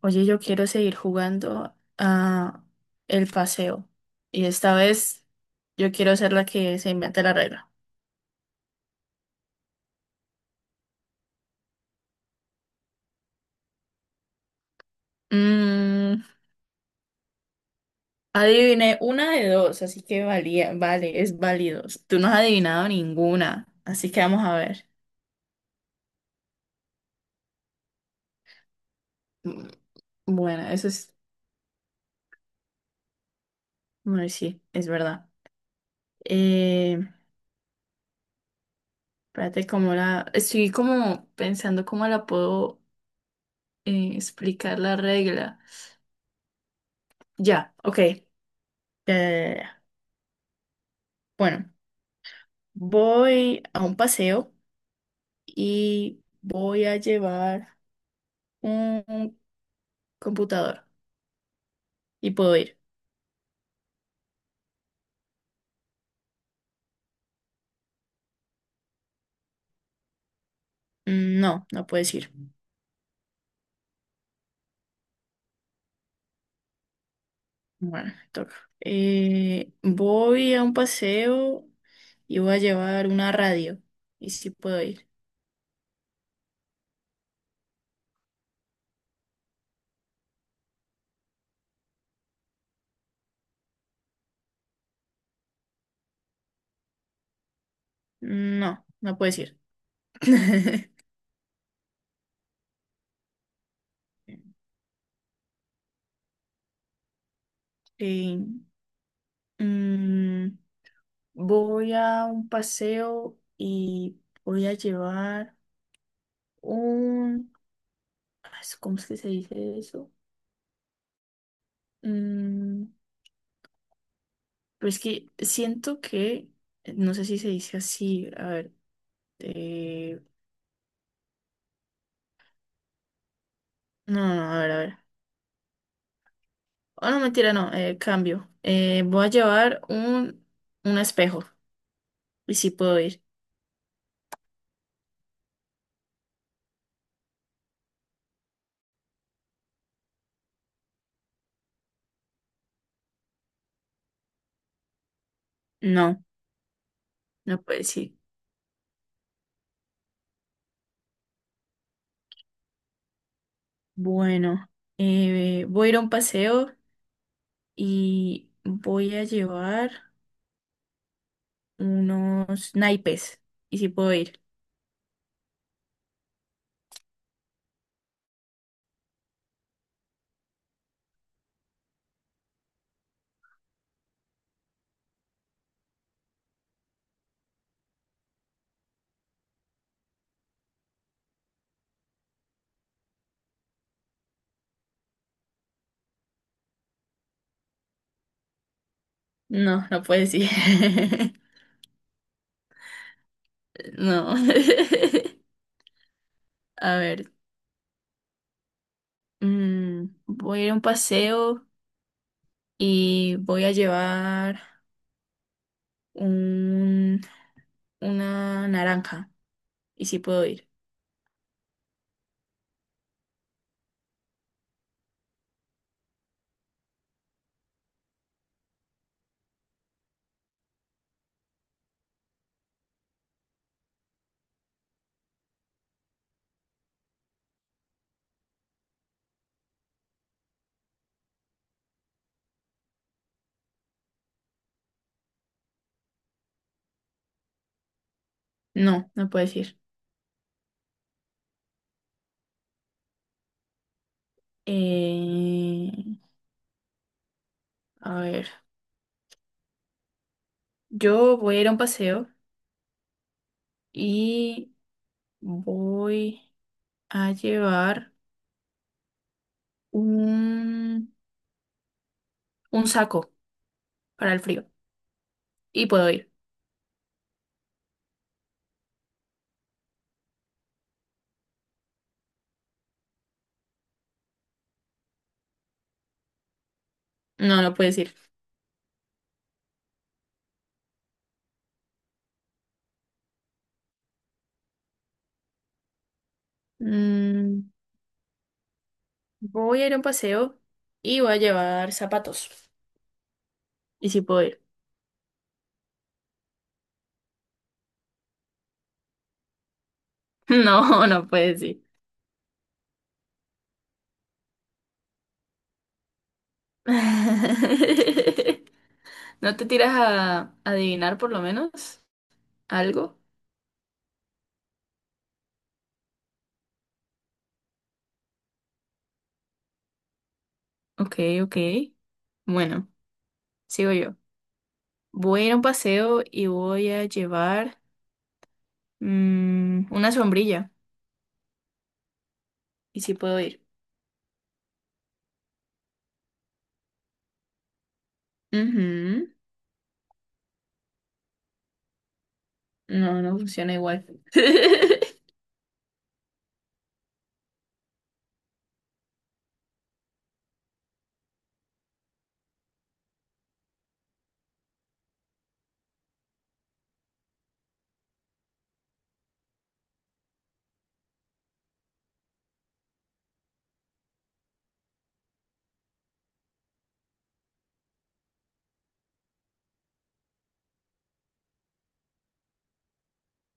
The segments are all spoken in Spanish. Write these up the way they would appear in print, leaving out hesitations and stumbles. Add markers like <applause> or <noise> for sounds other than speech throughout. Oye, yo quiero seguir jugando a el paseo. Y esta vez yo quiero ser la que se invente la regla. Mm, Adiviné una de dos, así que vale, es válido. Tú no has adivinado ninguna, así que vamos a ver. Mm, Bueno, eso es, bueno, sí, es verdad. Eh, Espérate, estoy como pensando cómo la puedo explicar la regla. Ya, ok. Eh, bueno. Voy a un paseo y voy a llevar un computador. ¿Y puedo ir? Mm, no, no puedes ir. Bueno, me toca. Voy a un paseo y voy a llevar una radio. ¿Y si puedo ir? No, no puedes ir. <laughs> Eh, mm, Voy a un paseo y voy a llevar un... ah, ¿cómo es que se dice eso? Mm, pero es que siento que no sé si se dice así, a ver, eh, no, no, no, a ver, a ver. Oh, no, mentira, no, cambio. Voy a llevar un espejo. ¿Y si puedo ir? No, no puedo ir. Bueno, voy a ir a un paseo y voy a llevar unos naipes. ¿Y si puedo ir? No, no puedo ir. <laughs> No, a ver, voy a ir a un paseo y voy a llevar... un, una naranja. Y si puedo ir. No, no puedes ir. Eh, a ver, yo voy a ir a un paseo y voy a llevar un, un saco para el frío. Y puedo ir. No, no puedes ir. Mm, Voy a ir a un paseo y voy a llevar zapatos. Y si puedo ir. <laughs> No, no puedes ir. <laughs> ¿No te tiras a adivinar por lo menos? ¿Algo? Ok, ok. Bueno, sigo yo. Voy a ir a un paseo y voy a llevar una sombrilla. ¿Y si puedo ir? Ujú. No, no funciona igual. <laughs>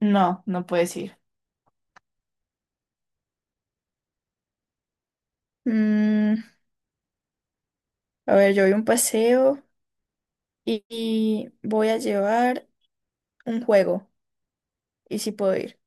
No, no puedes ir. Mm, a ver, yo voy a un paseo y voy a llevar un juego. ¿Y si puedo ir?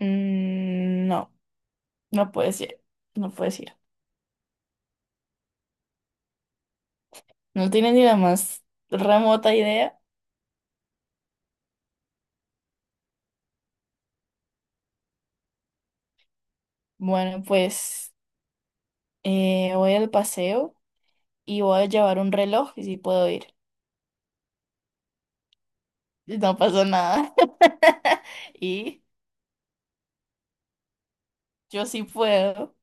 Mm, no, no puedes ir. No puedes ir. No tienes ni la más remota idea. Bueno, pues voy al paseo y voy a llevar un reloj y sí puedo ir. Y no pasó nada. <laughs> Y yo sí puedo.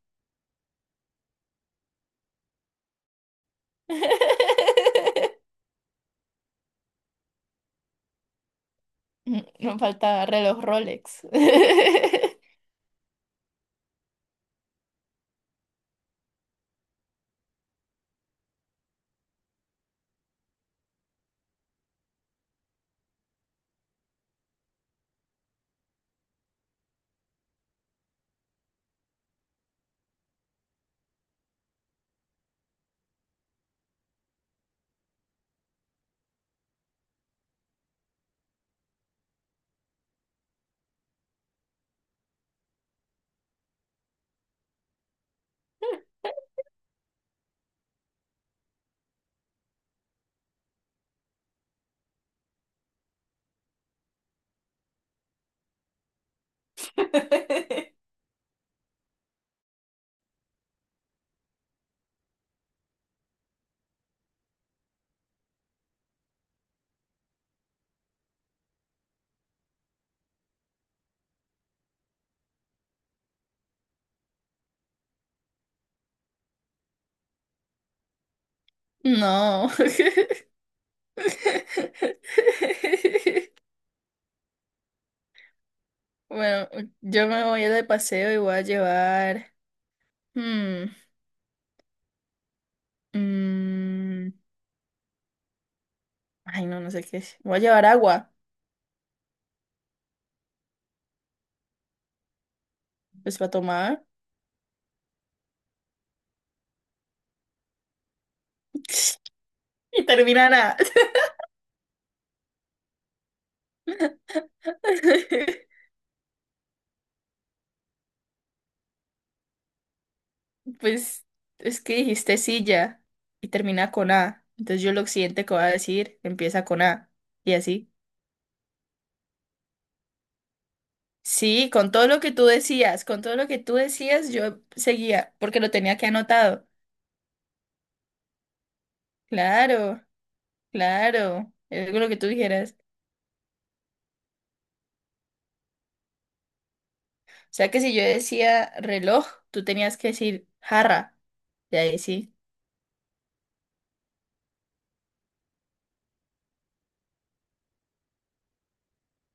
<laughs> Me faltaba reloj Rolex. <laughs> No, bueno, yo me voy de paseo y voy a llevar... hmm, mm, ay, no, no sé qué es. Voy a llevar agua, pues para tomar <laughs> y terminará. <laughs> Pues es que dijiste silla y termina con A. Entonces yo lo siguiente que voy a decir empieza con A. Y así. Sí, con todo lo que tú decías, con todo lo que tú decías, yo seguía, porque lo tenía que anotado. Claro, claro, es lo que tú dijeras. O sea que si yo decía reloj, tú tenías que decir jarra. Y ahí sí.